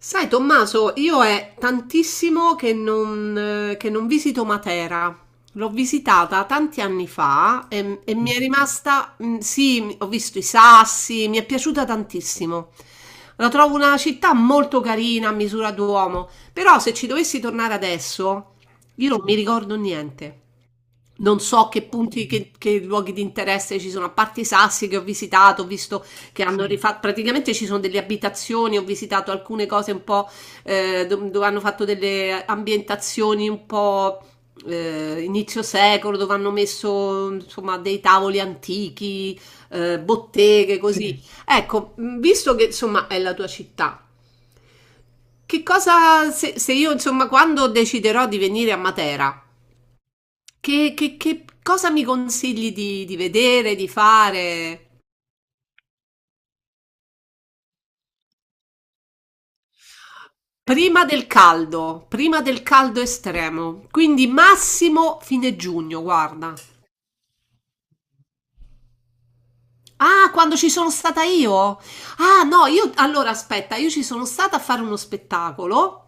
Sai, Tommaso, io è tantissimo che non visito Matera. L'ho visitata tanti anni fa e mi è rimasta, mm, sì, ho visto i sassi, mi è piaciuta tantissimo. La trovo una città molto carina a misura d'uomo, però se ci dovessi tornare adesso, io non mi ricordo niente. Non so che luoghi di interesse ci sono, a parte i sassi che ho visitato, ho visto che hanno rifatto, praticamente ci sono delle abitazioni, ho visitato alcune cose un po' dove hanno fatto delle ambientazioni un po' inizio secolo, dove hanno messo insomma dei tavoli antichi, botteghe, così. Sì. Ecco, visto che insomma è la tua città, che cosa se io insomma quando deciderò di venire a Matera? Che cosa mi consigli di vedere, di fare? Prima del caldo estremo, quindi massimo fine giugno, guarda. Ah, quando ci sono stata io? Ah, no, io allora aspetta, io ci sono stata a fare uno spettacolo.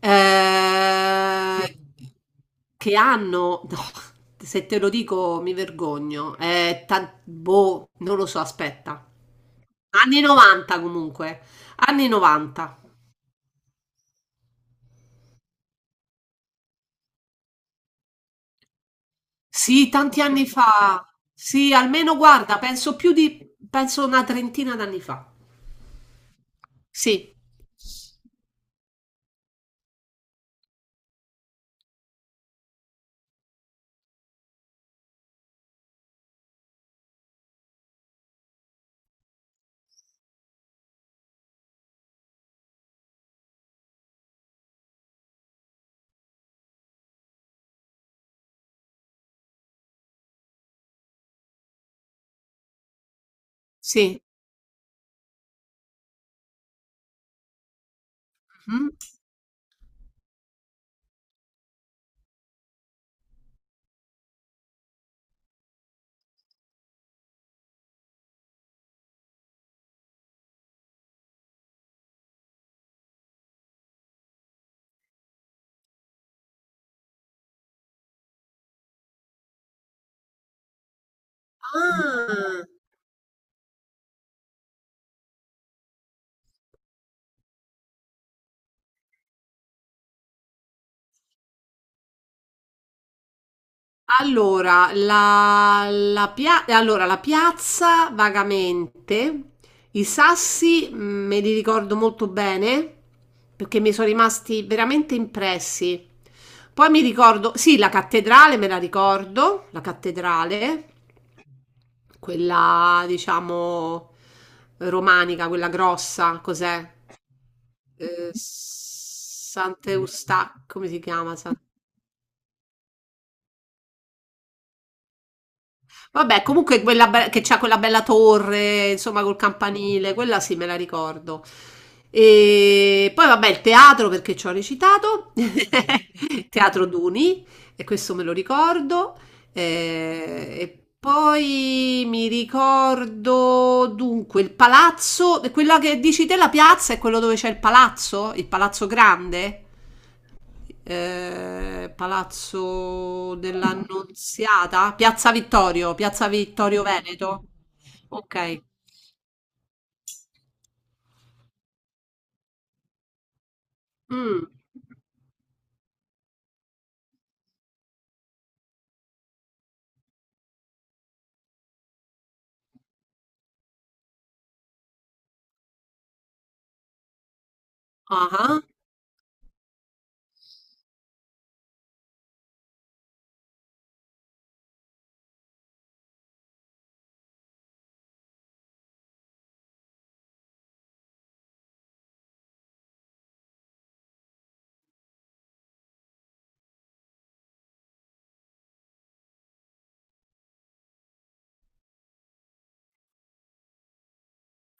eh, che hanno, no, se te lo dico mi vergogno, boh, non lo so, aspetta. Anni 90 comunque, anni 90. Sì, tanti anni fa. Sì, almeno guarda, penso una 30ina d'anni fa. Sì, sì. Mhm. Ah. Allora la piazza vagamente, i sassi me li ricordo molto bene perché mi sono rimasti veramente impressi. Poi mi ricordo, sì, la cattedrale me la ricordo, la cattedrale, quella diciamo romanica, quella grossa, cos'è? Sant'Eustachio, come si chiama? Vabbè, comunque che c'ha quella bella torre, insomma, col campanile, quella sì, me la ricordo. E poi vabbè, il teatro perché ci ho recitato, Teatro Duni, e questo me lo ricordo. Eh, e poi mi ricordo dunque il palazzo, quella che dici te la piazza è quello dove c'è il palazzo grande? Eh, Palazzo dell'Annunziata, Piazza Vittorio, Piazza Vittorio Veneto. Ok. Mm. Ah,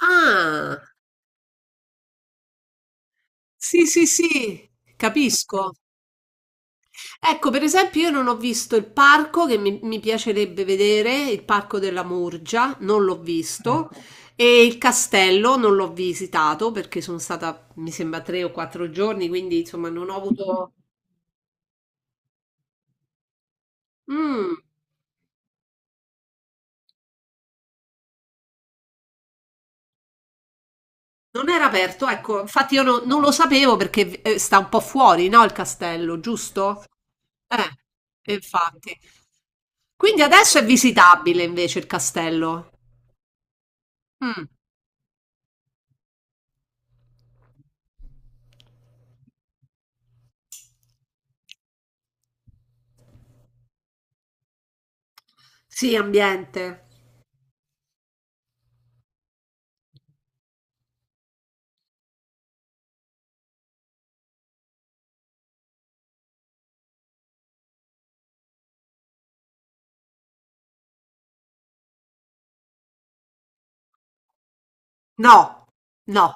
ah. Sì, sì, sì, capisco. Ecco, per esempio, io non ho visto il parco che mi piacerebbe vedere, il parco della Murgia, non l'ho visto, e il castello non l'ho visitato perché sono stata, mi sembra, tre o quattro giorni, quindi insomma non ho avuto... Mm. Non era aperto, ecco, infatti io no- non lo sapevo perché sta un po' fuori, no, il castello, giusto? Infatti. Quindi adesso è visitabile invece il castello. Mm. Sì, ambiente. No, no.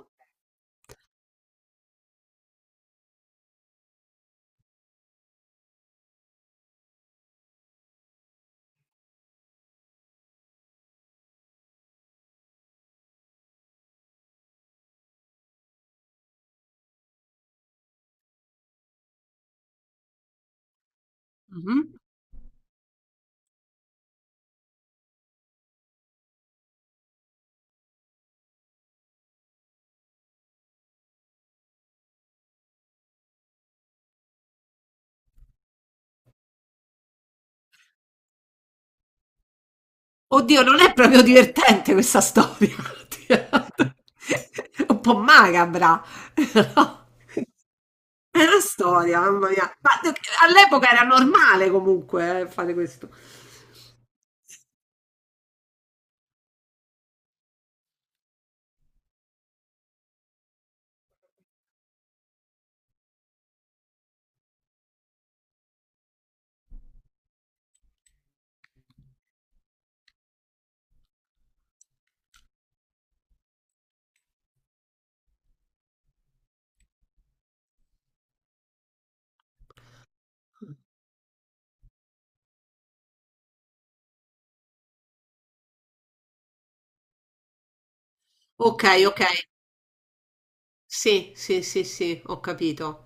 Mhm. Oddio, non è proprio divertente questa storia. Un po' macabra. No? È una storia, mamma mia. All'epoca era normale comunque fare questo. Ok, ok. Sì, sì, sì, sì, ho capito.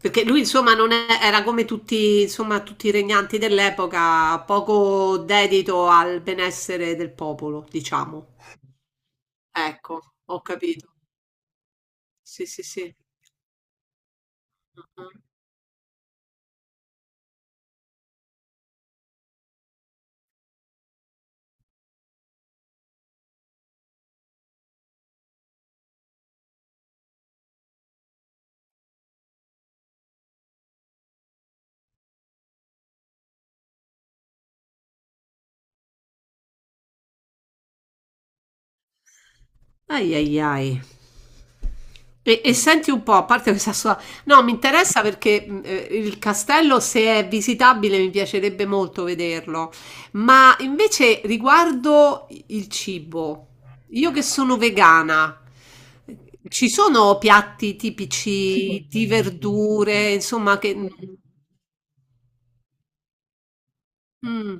Perché lui, insomma, non è- era come tutti, insomma, tutti i regnanti dell'epoca, poco dedito al benessere del popolo, diciamo. Ecco, ho capito. Sì, sì, sì. Ai ai ai. E senti un po', a parte questa sua... No, mi interessa perché il castello, se è visitabile, mi piacerebbe molto vederlo. Ma invece riguardo il cibo, io che sono vegana, ci sono piatti tipici di verdure, insomma, che... Mm.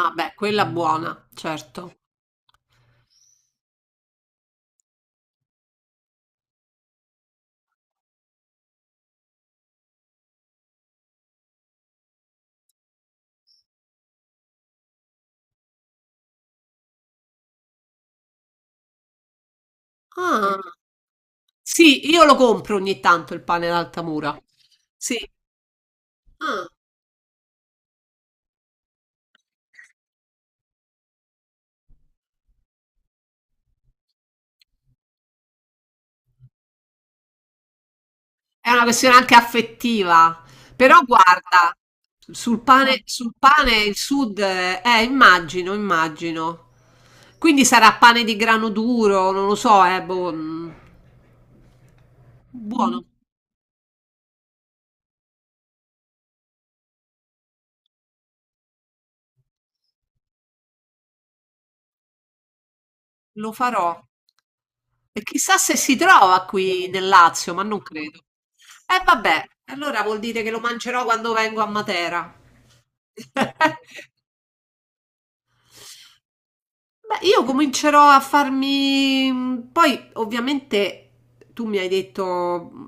Ah, beh, quella buona, certo. Ah, sì, io lo compro ogni tanto il pane d'Altamura. Sì. Ah, è una questione anche affettiva, però guarda, sul pane il sud, immagino, immagino. Quindi sarà pane di grano duro, non lo so, boh, mm, buono, lo farò. E chissà se si trova qui nel Lazio, ma non credo. E vabbè, allora vuol dire che lo mangerò quando vengo a Matera. Beh, io comincerò a farmi. Mm, poi, ovviamente, tu mi hai detto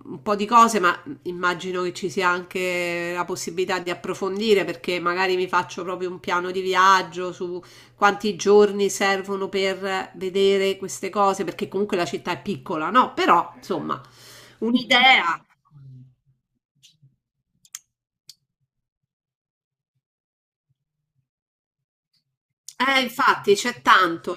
un po' di cose, ma immagino che ci sia anche la possibilità di approfondire, perché magari mi faccio proprio un piano di viaggio su quanti giorni servono per vedere queste cose, perché comunque la città è piccola, no? Però, insomma, un'idea. Infatti, c'è tanto.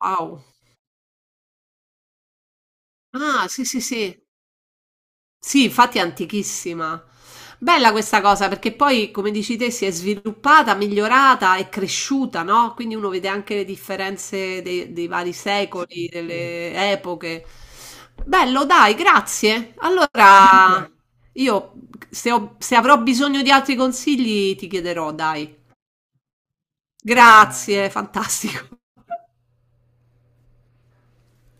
Wow. Ah, sì, sì, sì. Sì, infatti è antichissima. Bella questa cosa perché poi, come dici te, si è sviluppata, migliorata e cresciuta, no? Quindi uno vede anche le differenze dei vari secoli, delle epoche. Bello, dai, grazie. Allora, io se avrò bisogno di altri consigli ti chiederò, dai. Grazie, fantastico.